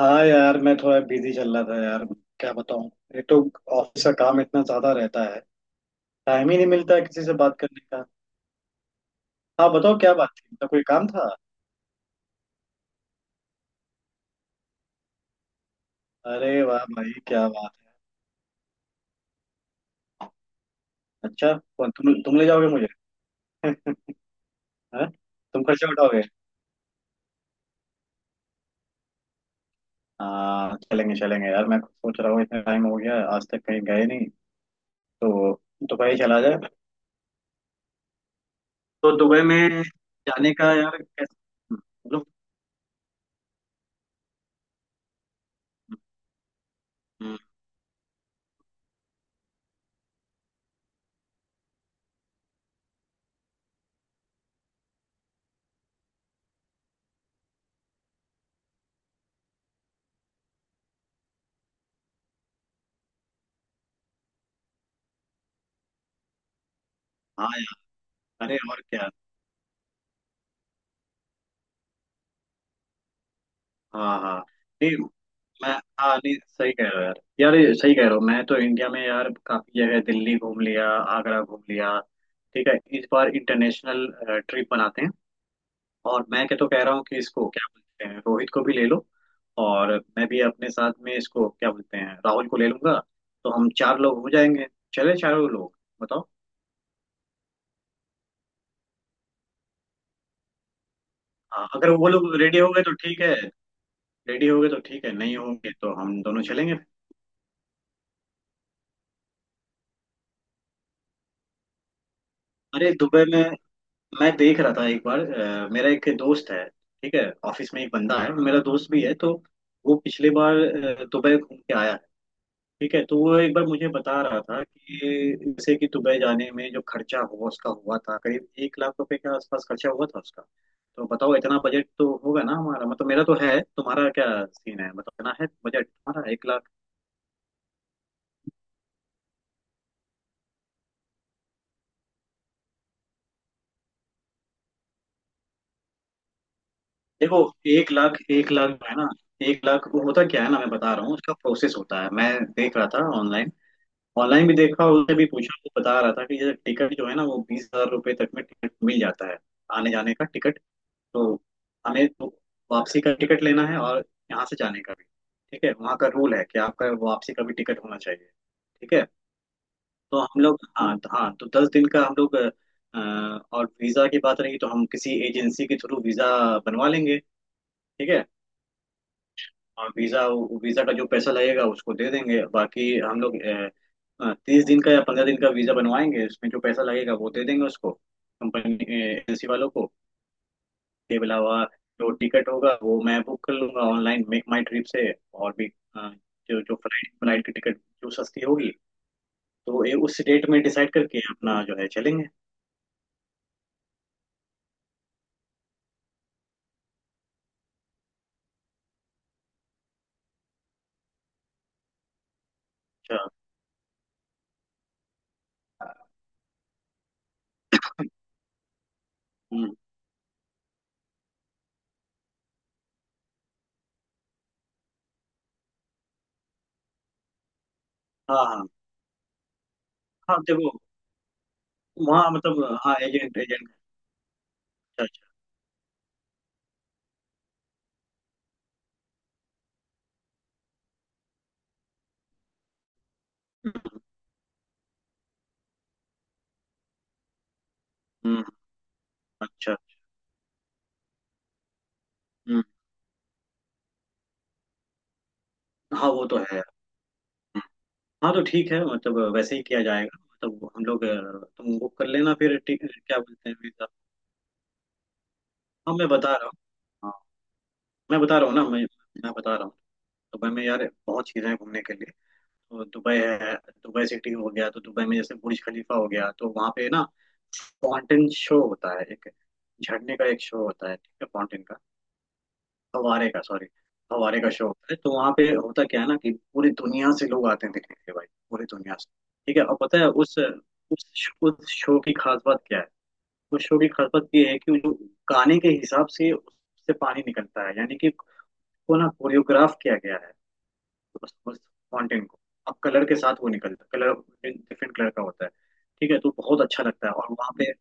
हाँ यार मैं थोड़ा बिजी चल रहा था यार। क्या बताऊँ। ये तो ऑफिस का काम इतना ज्यादा रहता है। टाइम ही नहीं मिलता है किसी से बात करने का। हाँ बताओ क्या बात थी, मतलब कोई काम था। अरे वाह भाई, क्या बात है, अच्छा। कौन, तुम ले जाओगे मुझे? हाँ? तुम खर्चा उठाओगे? हाँ, चलेंगे चलेंगे यार, मैं सोच रहा हूँ इतना टाइम हो गया, आज तक कहीं गए नहीं, तो दुबई चला जाए। तो दुबई में जाने का यार, कैसा मतलब। हम्म, हाँ यार, अरे और क्या। हाँ हाँ, नहीं, मैं, हाँ नहीं, सही कह रहे हो यार, यार ये सही कह रहे हो, मैं तो इंडिया में यार काफी जगह दिल्ली घूम लिया, आगरा घूम लिया। ठीक है, इस बार इंटरनेशनल ट्रिप बनाते हैं। और मैं क्या तो कह रहा हूँ कि इसको क्या बोलते हैं, रोहित को भी ले लो, और मैं भी अपने साथ में इसको क्या बोलते हैं, राहुल को ले लूंगा। तो हम चार लोग हो जाएंगे, चले चारों लोग, बताओ। हाँ, अगर वो लोग रेडी हो गए तो ठीक है, रेडी हो गए तो ठीक है, नहीं होंगे तो हम दोनों चलेंगे। अरे दुबई में मैं देख रहा था एक बार मेरा एक दोस्त है, ठीक है, ऑफिस में एक बंदा है और मेरा दोस्त भी है, तो वो पिछले बार दुबई घूम के आया है। ठीक है, तो वो एक बार मुझे बता रहा था कि जैसे कि दुबई जाने में जो खर्चा हुआ उसका हुआ था, करीब 1 लाख रुपए के आसपास खर्चा हुआ था उसका। तो बताओ इतना बजट तो होगा ना हमारा, मतलब मेरा तो है, तुम्हारा क्या सीन है, बताओ इतना है बजट तुम्हारा 1 लाख। देखो, 1 लाख, 1 लाख जो है ना, 1 लाख वो होता क्या है ना, मैं बता रहा हूँ उसका प्रोसेस होता है। मैं देख रहा था ऑनलाइन, ऑनलाइन भी देखा, उसने भी पूछा तो बता रहा था कि जैसे टिकट जो है ना वो 20,000 रुपये तक में टिकट मिल जाता है, आने जाने का टिकट। तो हमें तो वापसी का टिकट लेना है और यहाँ से जाने का भी, ठीक है, वहाँ का रूल है कि आपका वापसी का भी टिकट होना चाहिए। ठीक है, तो हम लोग हाँ तो 10 दिन का हम लोग और वीज़ा की बात रही तो हम किसी एजेंसी के थ्रू वीज़ा बनवा लेंगे। ठीक है, हाँ वीजा, वीजा का जो पैसा लगेगा उसको दे देंगे, बाकी हम लोग 30 दिन का या 15 दिन का वीजा बनवाएंगे, उसमें जो पैसा लगेगा वो दे देंगे उसको कंपनी एजेंसी वालों को। के अलावा जो टिकट होगा वो मैं बुक कर लूंगा ऑनलाइन मेक माई ट्रिप से, और भी अ, जो जो फ्लाइट फ्लाइट की टिकट जो सस्ती होगी तो ये उस डेट में डिसाइड करके अपना जो है चलेंगे। अच्छा, हम्म, हाँ हाँ हाँ देखो, वहाँ मतलब हाँ एजेंट एजेंट, अच्छा अच्छा। हम्म, हम्म, अच्छा हम्म, हाँ वो तो है। हाँ तो ठीक है, मतलब वैसे ही किया जाएगा, मतलब हम लोग तुम बुक कर लेना फिर क्या बोलते हैं वीजा। हाँ मैं बता रहा हूँ, हाँ मैं बता रहा हूँ ना, मैं बता रहा हूँ दुबई में यार बहुत चीज़ें हैं घूमने के लिए। तो दुबई है, दुबई सिटी हो गया, तो दुबई में जैसे बुर्ज खलीफा हो गया, तो वहाँ पे ना फाउंटेन शो होता है, एक झरने का एक शो होता है, ठीक है, फाउंटेन का, हवारे का सॉरी, हवारे का शो होता है, तो वहाँ पे होता क्या है ना कि पूरी दुनिया से लोग आते हैं देखने के लिए भाई, पूरी दुनिया से। ठीक है, और पता है उस उस शो की खास बात क्या है, उस शो की खास बात ये है कि वो जो गाने के हिसाब से उससे पानी निकलता है, यानी कि उसको ना कोरियोग्राफ किया गया है उस फाउंटेन को। अब कलर के साथ वो निकलता है, कलर डिफरेंट कलर का होता है, ठीक है, तो बहुत अच्छा लगता है। और वहाँ पे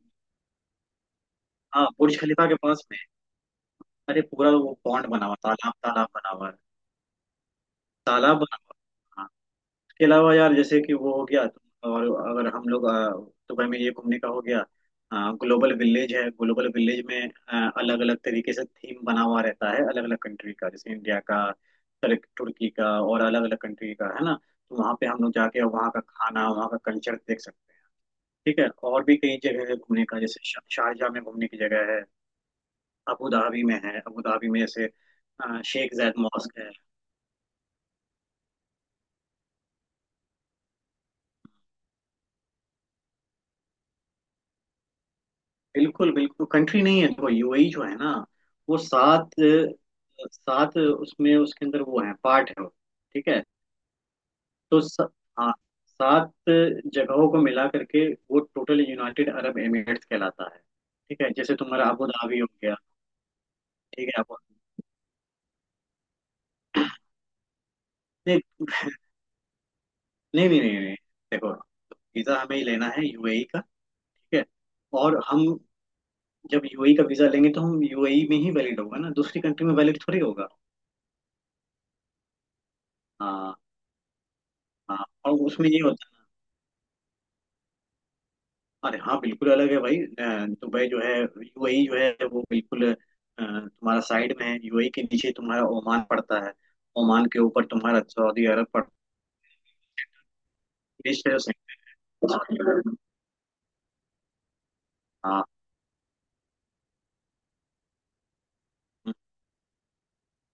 हाँ बुर्ज खलीफा के पास में अरे पूरा वो पॉन्ड बना हुआ, तालाब तालाब बना हुआ है, तालाब बना हुआ है। इसके अलावा यार जैसे कि वो हो गया, तो और अगर हम लोग दुबई में ये घूमने का हो गया, ग्लोबल विलेज है, ग्लोबल विलेज में अलग अलग तरीके से थीम बना हुआ रहता है, अलग अलग कंट्री का, जैसे इंडिया का, तुर्की का, और अलग अलग कंट्री का है ना, तो वहाँ पे हम लोग जाके वहाँ का खाना, वहाँ का कल्चर देख सकते हैं। ठीक है और भी कई जगह है घूमने का, जैसे शारजाह में घूमने की जगह है, अबू धाबी में है, अबू धाबी में जैसे शेख जायद मॉस्क है। बिल्कुल बिल्कुल कंट्री नहीं है, देखो यूएई जो है ना वो सात, उसमें उसके अंदर वो है, पार्ट है वो, ठीक है, तो स, हाँ सात जगहों को मिला करके वो टोटल यूनाइटेड अरब एमिरेट्स कहलाता है। ठीक है जैसे तुम्हारा अबू धाबी हो गया, ठीक है अबू, नहीं नहीं नहीं नहीं नहीं। देखो वीजा हमें ही लेना है यूएई का, ठीक है, और हम जब यूएई का वीजा लेंगे तो हम यूएई में ही वैलिड होगा ना, दूसरी कंट्री में वैलिड थोड़ी होगा। हाँ हाँ, और उसमें ये होता, अरे हाँ बिल्कुल अलग है भाई दुबई जो है, यूएई जो है वो बिल्कुल तुम्हारा साइड में है, यूएई के नीचे तुम्हारा ओमान पड़ता है, ओमान के ऊपर तुम्हारा सऊदी अरब पड़ता है, देश है जो, सही- हाँ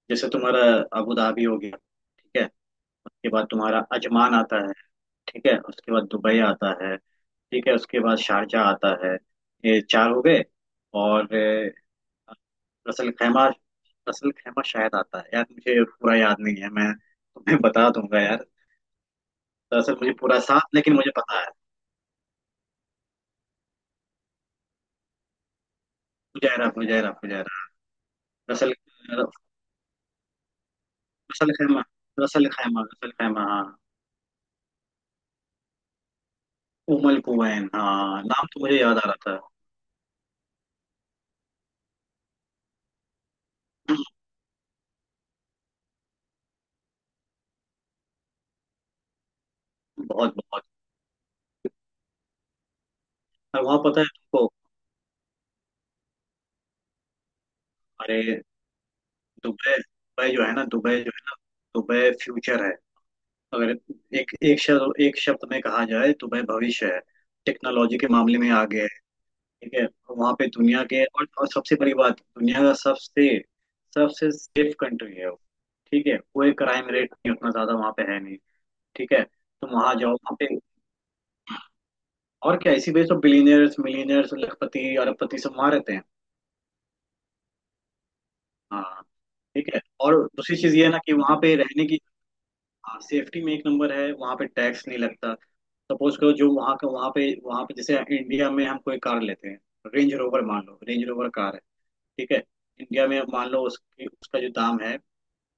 जैसे तुम्हारा अबू धाबी हो गया। ठीक है उसके बाद तुम्हारा अजमान आता है, ठीक है उसके बाद दुबई आता है, ठीक है उसके बाद शारजा आता है, ये चार हो गए। और रसल खैमा, रसल खैमा शायद आता है यार, मुझे पूरा याद नहीं है, मैं तुम्हें बता दूंगा यार। दरअसल मुझे पूरा साथ, लेकिन मुझे पता है। Fujairah Fujairah Fujairah, Ras al Ras al Khaimah, Ras al Khaimah Ras al Khaimah हाँ, उमल कुवैन, हाँ नाम तो मुझे याद आ रहा था। बहुत बहुत। और वहाँ पता है तुमको, अरे दुबई, दुबई जो है ना, दुबई फ्यूचर है। अगर एक एक शब्द, एक शब्द में कहा जाए, दुबई भविष्य है। टेक्नोलॉजी के मामले में आगे है। ठीक है वहां पे दुनिया के और सबसे बड़ी बात, दुनिया का सबसे सबसे सेफ कंट्री है वो। ठीक है, कोई क्राइम रेट नहीं, उतना ज्यादा वहां पे है नहीं। ठीक है तुम वहां जाओ वहां पे, और क्या, इसी वजह से बिलीनियर्स मिलीनियर्स, लखपति अरबपति सब वहां रहते हैं। हाँ ठीक है। और दूसरी चीज ये है ना कि वहां पे रहने की, सेफ्टी में एक नंबर है, वहां पे टैक्स नहीं लगता। सपोज करो जो वहां का वहां पे जैसे इंडिया में हम कोई कार लेते हैं रेंज रोवर, मान लो रेंज रोवर कार है, ठीक है, इंडिया में मान लो उसकी, उसका जो दाम है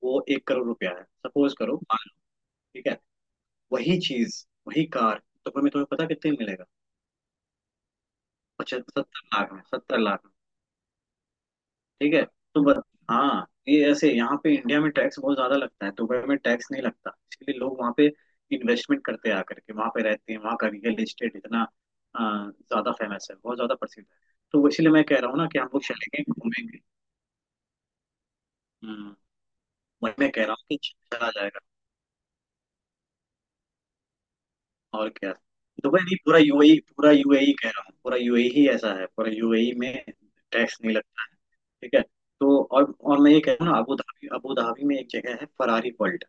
वो 1 करोड़ रुपया है, सपोज करो, मान लो, ठीक है, वही चीज, वही कार, तो तुम्हें तुम्हें पता कितने में मिलेगा, 75, 70 लाख में, 70 लाख में। ठीक है, तो बस। हाँ ये ऐसे यहाँ पे इंडिया में टैक्स बहुत ज्यादा लगता है, दुबई में टैक्स नहीं लगता, इसलिए लोग वहाँ पे इन्वेस्टमेंट करते हैं, आकर के वहाँ पे रहते हैं, वहाँ का रियल एस्टेट इतना अ, ज्यादा फेमस है, बहुत ज्यादा प्रसिद्ध है। तो इसीलिए मैं कह रहा हूँ ना कि हम लोग चलेंगे घूमेंगे। हम्म। वही मैं कह रहा हूँ कि चला जाएगा, और क्या। दुबई नहीं, पूरा यूएई, पूरा यूएई कह रहा हूँ पूरा यूएई ही ऐसा है, पूरा यूएई में टैक्स नहीं लगता है। ठीक है, तो और, मैं ये कह रहा हूँ ना अबू धाबी, अबू धाबी में एक जगह है फरारी वर्ल्ड।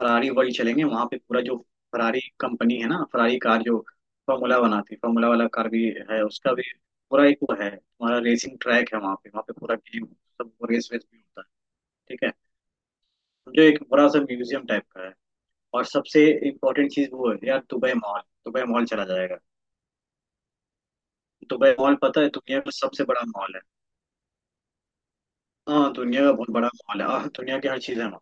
फरारी वर्ल्ड चलेंगे, वहाँ पे पूरा जो फरारी कंपनी है ना, फरारी कार जो फॉर्मूला बनाती है, फॉर्मूला वाला कार भी है उसका भी, पूरा एक वो है हमारा रेसिंग ट्रैक है वहाँ पे, वहाँ पे पूरा गेम, सब रेस वेस भी होता है, ठीक है, जो एक बड़ा सा म्यूजियम टाइप का है। और सबसे इम्पोर्टेंट चीज़ वो है यार, दुबई मॉल, दुबई मॉल चला जाएगा। दुबई मॉल पता है दुनिया का सबसे बड़ा मॉल है। हाँ दुनिया का बहुत बड़ा मॉल है, हाँ दुनिया की हर चीज है वहाँ।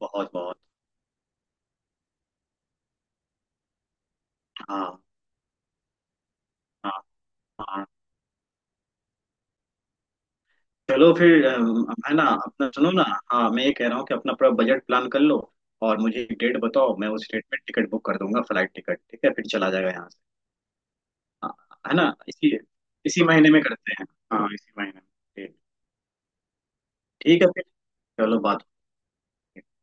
बहुत बहुत, हाँ हाँ हाँ। चलो फिर है ना, अपना सुनो ना, हाँ मैं ये कह रहा हूँ कि अपना पूरा बजट प्लान कर लो, और मुझे एक डेट बताओ, मैं उस डेट में टिकट बुक कर दूंगा फ्लाइट टिकट। ठीक है, फिर चला जाएगा यहाँ से। हाँ, है ना, इसी इसी महीने में करते हैं। हाँ इसी महीने में ठीक, ठीक है फिर। चलो बात होती है।